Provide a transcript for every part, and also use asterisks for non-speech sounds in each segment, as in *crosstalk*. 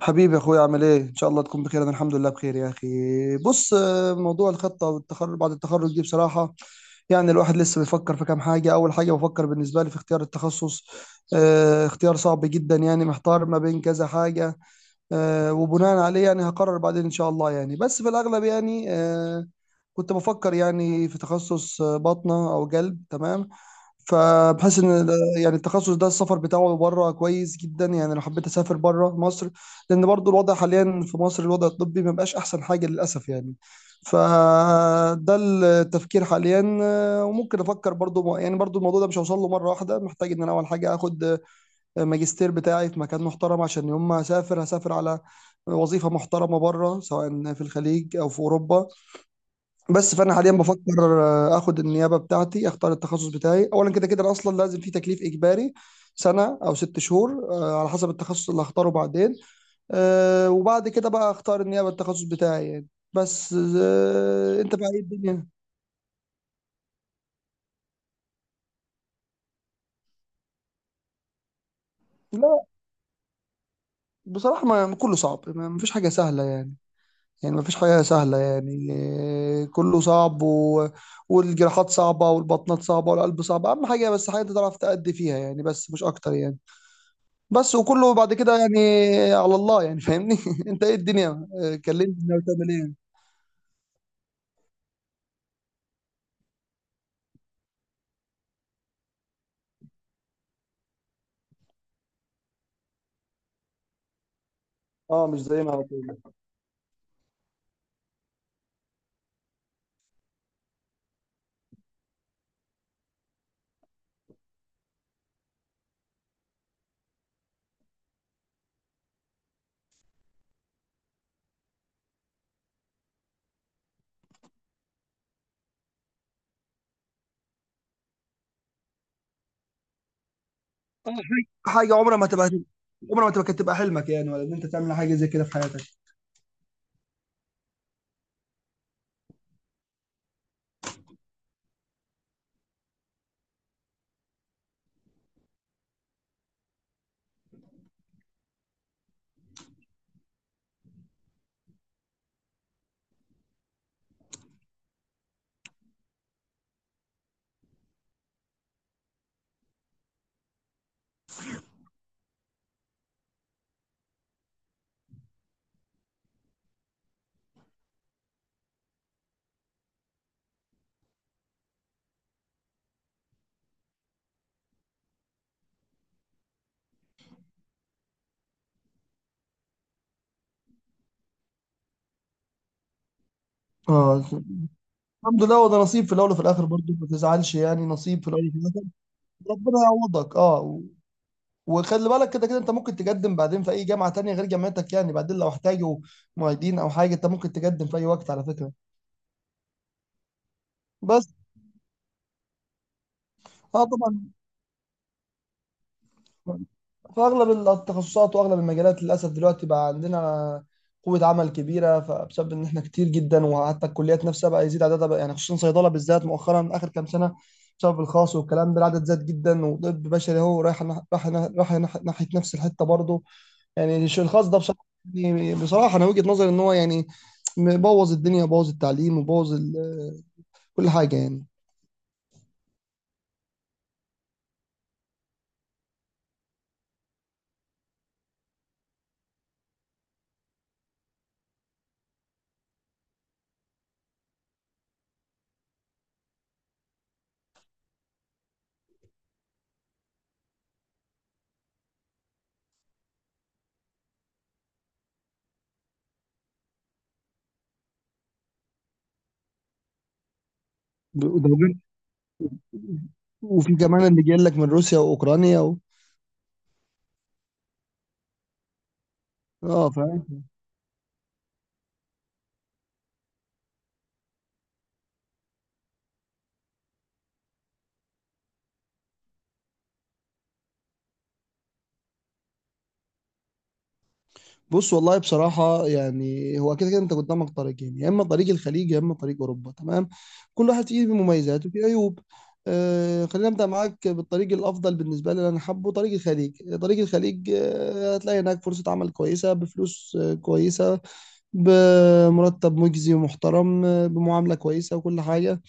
حبيبي يا اخويا عامل ايه؟ ان شاء الله تكون بخير. انا الحمد لله بخير يا اخي. بص، موضوع الخطه والتخرج، بعد التخرج دي بصراحه يعني الواحد لسه بيفكر في كام حاجه. اول حاجه بفكر بالنسبه لي في اختيار التخصص. اختيار صعب جدا، يعني محتار ما بين كذا حاجه. وبناء عليه يعني هقرر بعدين ان شاء الله، يعني بس في الاغلب. يعني كنت بفكر يعني في تخصص باطنه او قلب، تمام. فبحس ان يعني التخصص ده السفر بتاعه بره كويس جدا، يعني لو حبيت اسافر بره مصر. لان برضو الوضع حاليا في مصر، الوضع الطبي ما بقاش احسن حاجه للاسف يعني. فده التفكير حاليا. وممكن افكر برضو يعني برضو الموضوع ده مش هوصل له مره واحده. محتاج ان انا اول حاجه اخد ماجستير بتاعي في مكان محترم، عشان يوم ما اسافر هسافر على وظيفه محترمه بره، سواء في الخليج او في اوروبا. بس فانا حاليا بفكر اخد النيابه بتاعتي، اختار التخصص بتاعي اولا. كده كده أنا اصلا لازم في تكليف اجباري سنه او ست شهور، على حسب التخصص اللي هختاره. بعدين وبعد كده بقى اختار النيابه، التخصص بتاعي يعني. بس انت بقى ايه الدنيا؟ لا بصراحه، ما كله صعب، ما مفيش حاجه سهله يعني. يعني مفيش حاجه سهله يعني. كله صعب والجراحات صعبه، والبطنات صعبه، والقلب صعب. اهم حاجه بس حاجه انت تعرف تأدي فيها يعني، بس مش اكتر يعني. بس وكله بعد كده يعني على الله، يعني فاهمني. *laughs* انت ايه الدنيا؟ كلمني ناوي تعمل ايه. اه مش زينا على طول. اه، حاجه حاجه عمرها ما تبقى، عمرها ما تبقى كانت تبقى حلمك، يعني ولا ان انت تعمل حاجه زي كده في حياتك. اه الحمد لله، وده نصيب في الاول وفي الاخر. برضه ما تزعلش يعني، نصيب في الاول وفي الاخر. ربنا يعوضك. اه وخلي بالك، كده كده انت ممكن تقدم بعدين في اي جامعه تانية غير جامعتك، يعني بعدين لو احتاجوا معيدين او حاجه انت ممكن تقدم في اي وقت على فكره. بس اه طبعا، فاغلب التخصصات واغلب المجالات للاسف دلوقتي بقى عندنا قوه عمل كبيره. فبسبب ان احنا كتير جدا، وحتى الكليات نفسها بقى يزيد عددها بقى يعني، خصوصا صيدله بالذات مؤخرا اخر كام سنه، بسبب الخاص والكلام ده العدد زاد جدا. وطب بشري اهو رايح ناحيه نفس الحته برضه يعني. الخاص ده بصراحه، يعني بصراحه انا وجهه نظري ان هو يعني بوظ الدنيا، بوظ التعليم، وبوظ *hesitation* كل حاجه يعني. وده غير- وفي كمان اللي جاي لك من روسيا واوكرانيا اه. بص والله بصراحة يعني هو كده كده انت قدامك طريقين، يا اما طريق الخليج يا اما طريق اوروبا، تمام. كل واحد فيه مميزات وفيه عيوب. آه، خلينا نبدأ معاك بالطريق الافضل بالنسبة لي اللي انا حابه، طريق الخليج. طريق الخليج آه هتلاقي هناك فرصة عمل كويسة، بفلوس آه كويسة، بمرتب مجزي ومحترم، آه بمعاملة كويسة وكل حاجة.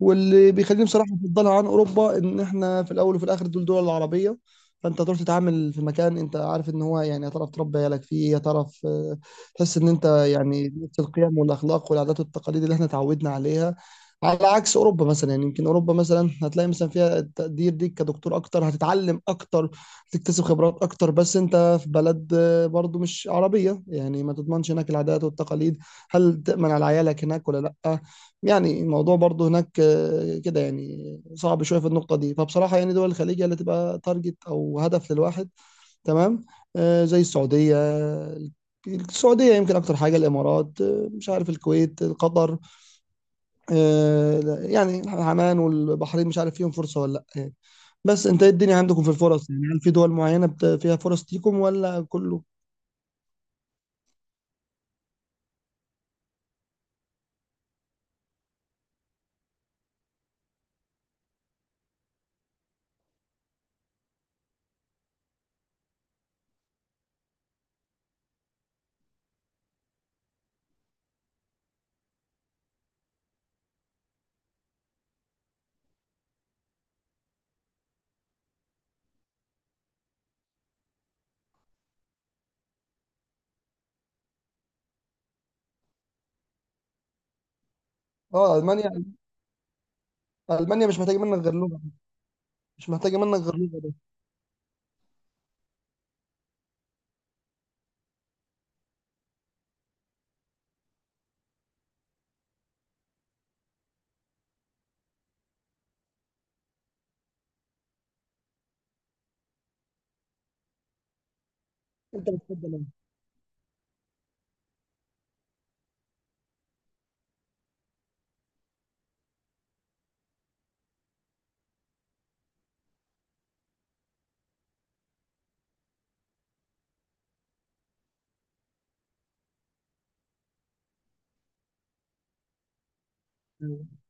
واللي بيخليني بصراحه افضلها عن اوروبا، ان احنا في الاول وفي الاخر دول العربيه. فانت هتروح تتعامل في مكان انت عارف ان هو يعني هتعرف تربي عيالك فيه. هتعرف تحس ان انت يعني نفس القيم والاخلاق والعادات والتقاليد اللي احنا اتعودنا عليها. على عكس اوروبا مثلا، يعني يمكن اوروبا مثلا هتلاقي مثلا فيها التقدير ليك كدكتور اكتر، هتتعلم اكتر، تكتسب خبرات اكتر. بس انت في بلد برضو مش عربيه، يعني ما تضمنش هناك العادات والتقاليد. هل تأمن على عيالك هناك ولا لا؟ يعني الموضوع برضه هناك كده يعني صعب شويه في النقطه دي. فبصراحه يعني دول الخليج هي اللي تبقى تارجت او هدف للواحد، تمام. زي السعوديه. السعوديه يمكن اكتر حاجه، الامارات، مش عارف الكويت، قطر، آه، لا، يعني عمان والبحرين مش عارف فيهم فرصه ولا لا يعني. بس انت ايه الدنيا عندكم في الفرص؟ يعني هل في دول معينه فيها فرص ليكم ولا كله؟ اه المانيا، المانيا مش محتاجه منك غير لغه، مش محتاجه منك غير لغه بس. انت بتفضل إيه؟ آه،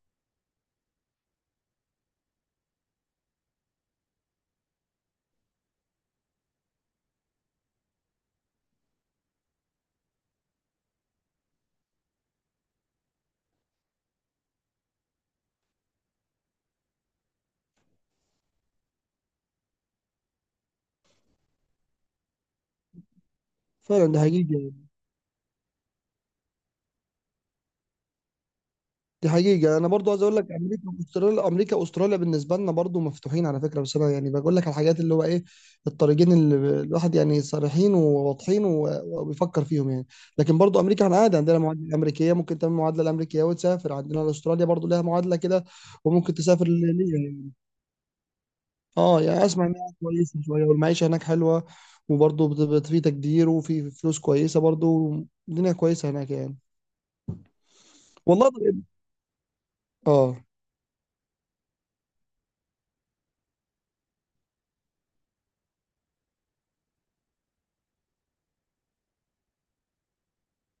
فعلا ده حقيقي. دي حقيقة، أنا برضو عايز أقول لك أمريكا وأستراليا. أمريكا وأستراليا بالنسبة لنا برضو مفتوحين على فكرة. بس أنا يعني بقول لك على الحاجات اللي هو إيه، الطريقين اللي الواحد يعني صريحين وواضحين وبيفكر فيهم يعني. لكن برضو أمريكا، إحنا عادي عندنا معادلة أمريكية، ممكن تعمل معادلة الأمريكية وتسافر. عندنا أستراليا برضو لها معادلة كده، وممكن تسافر ليها يعني. أه يعني أسمع إنها كويسة شوية، والمعيشة هناك حلوة. وبرضو في تقدير وفي فلوس كويسة برضو، الدنيا كويسة هناك يعني. والله إيه؟ أه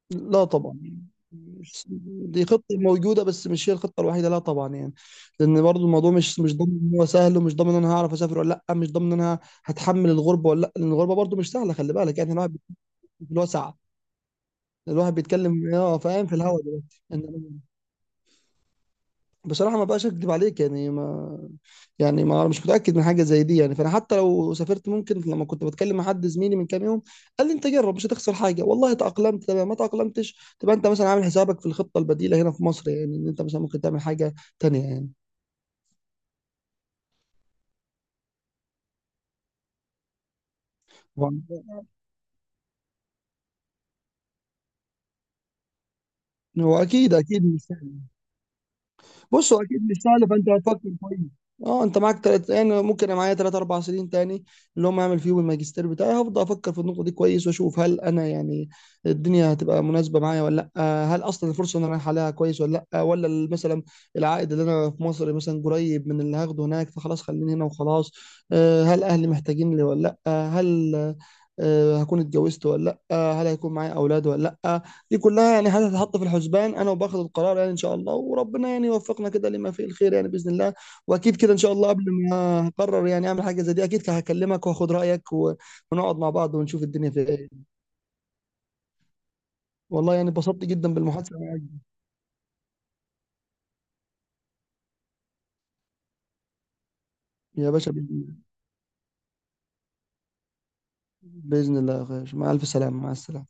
لا طبعا يعني، مش- دي خطة موجودة، بس مش هي الخطة الوحيدة، لا طبعا يعني. لأن برضو الموضوع مش ضامن إن هو سهل، ومش ضامن إن أنا هعرف أسافر ولا لأ، مش ضامن إن أنا هتحمل الغربة ولا لأ. لأن الغربة برضو مش سهلة، خلي بالك يعني. الواحد بيتكلم في الوسع، الواحد بيتكلم اه فاهم في الهوا دلوقتي. إنما- بصراحة ما بقاش أكدب عليك يعني، ما يعني ما انا مش متاكد من حاجه زي دي يعني. فانا حتى لو سافرت، ممكن لما كنت بتكلم مع حد زميلي من كام يوم، قال لي انت جرب مش هتخسر حاجه، والله تاقلمت تمام، ما تاقلمتش تبقى انت مثلا عامل حسابك في الخطه البديله هنا في مصر، يعني ان انت مثلا ممكن تعمل حاجه تانيه يعني. هو هو اكيد اكيد مش، بص هو اكيد مش سهل، فانت هتفكر كويس. اه، انت معاك تلات، يعني ممكن انا معايا تلات اربع سنين تاني، اللي هم اعمل فيهم الماجستير بتاعي. هفضل افكر في النقطه دي كويس، واشوف هل انا يعني الدنيا هتبقى مناسبه معايا ولا لا. هل اصلا الفرصه اللي انا رايح عليها كويس ولا لا، ولا مثلا العائد اللي انا في مصر مثلا قريب من اللي هاخده هناك، فخلاص خليني هنا وخلاص. هل اهلي محتاجين لي ولا لا، آه، هل آه، هكون اتجوزت ولا لا، هل هيكون معايا اولاد ولا لا. دي كلها يعني هتتحط في الحسبان انا وباخد القرار يعني ان شاء الله. وربنا يعني يوفقنا كده لما فيه الخير يعني، باذن الله. واكيد كده ان شاء الله قبل ما اقرر يعني اعمل حاجه زي دي، اكيد هكلمك واخد رايك ونقعد مع بعض ونشوف الدنيا في ايه. والله يعني اتبسطت جدا بالمحادثه معاك. يا باشا باذن الله، بإذن الله يا اخي. مع الف سلامه، مع السلامه.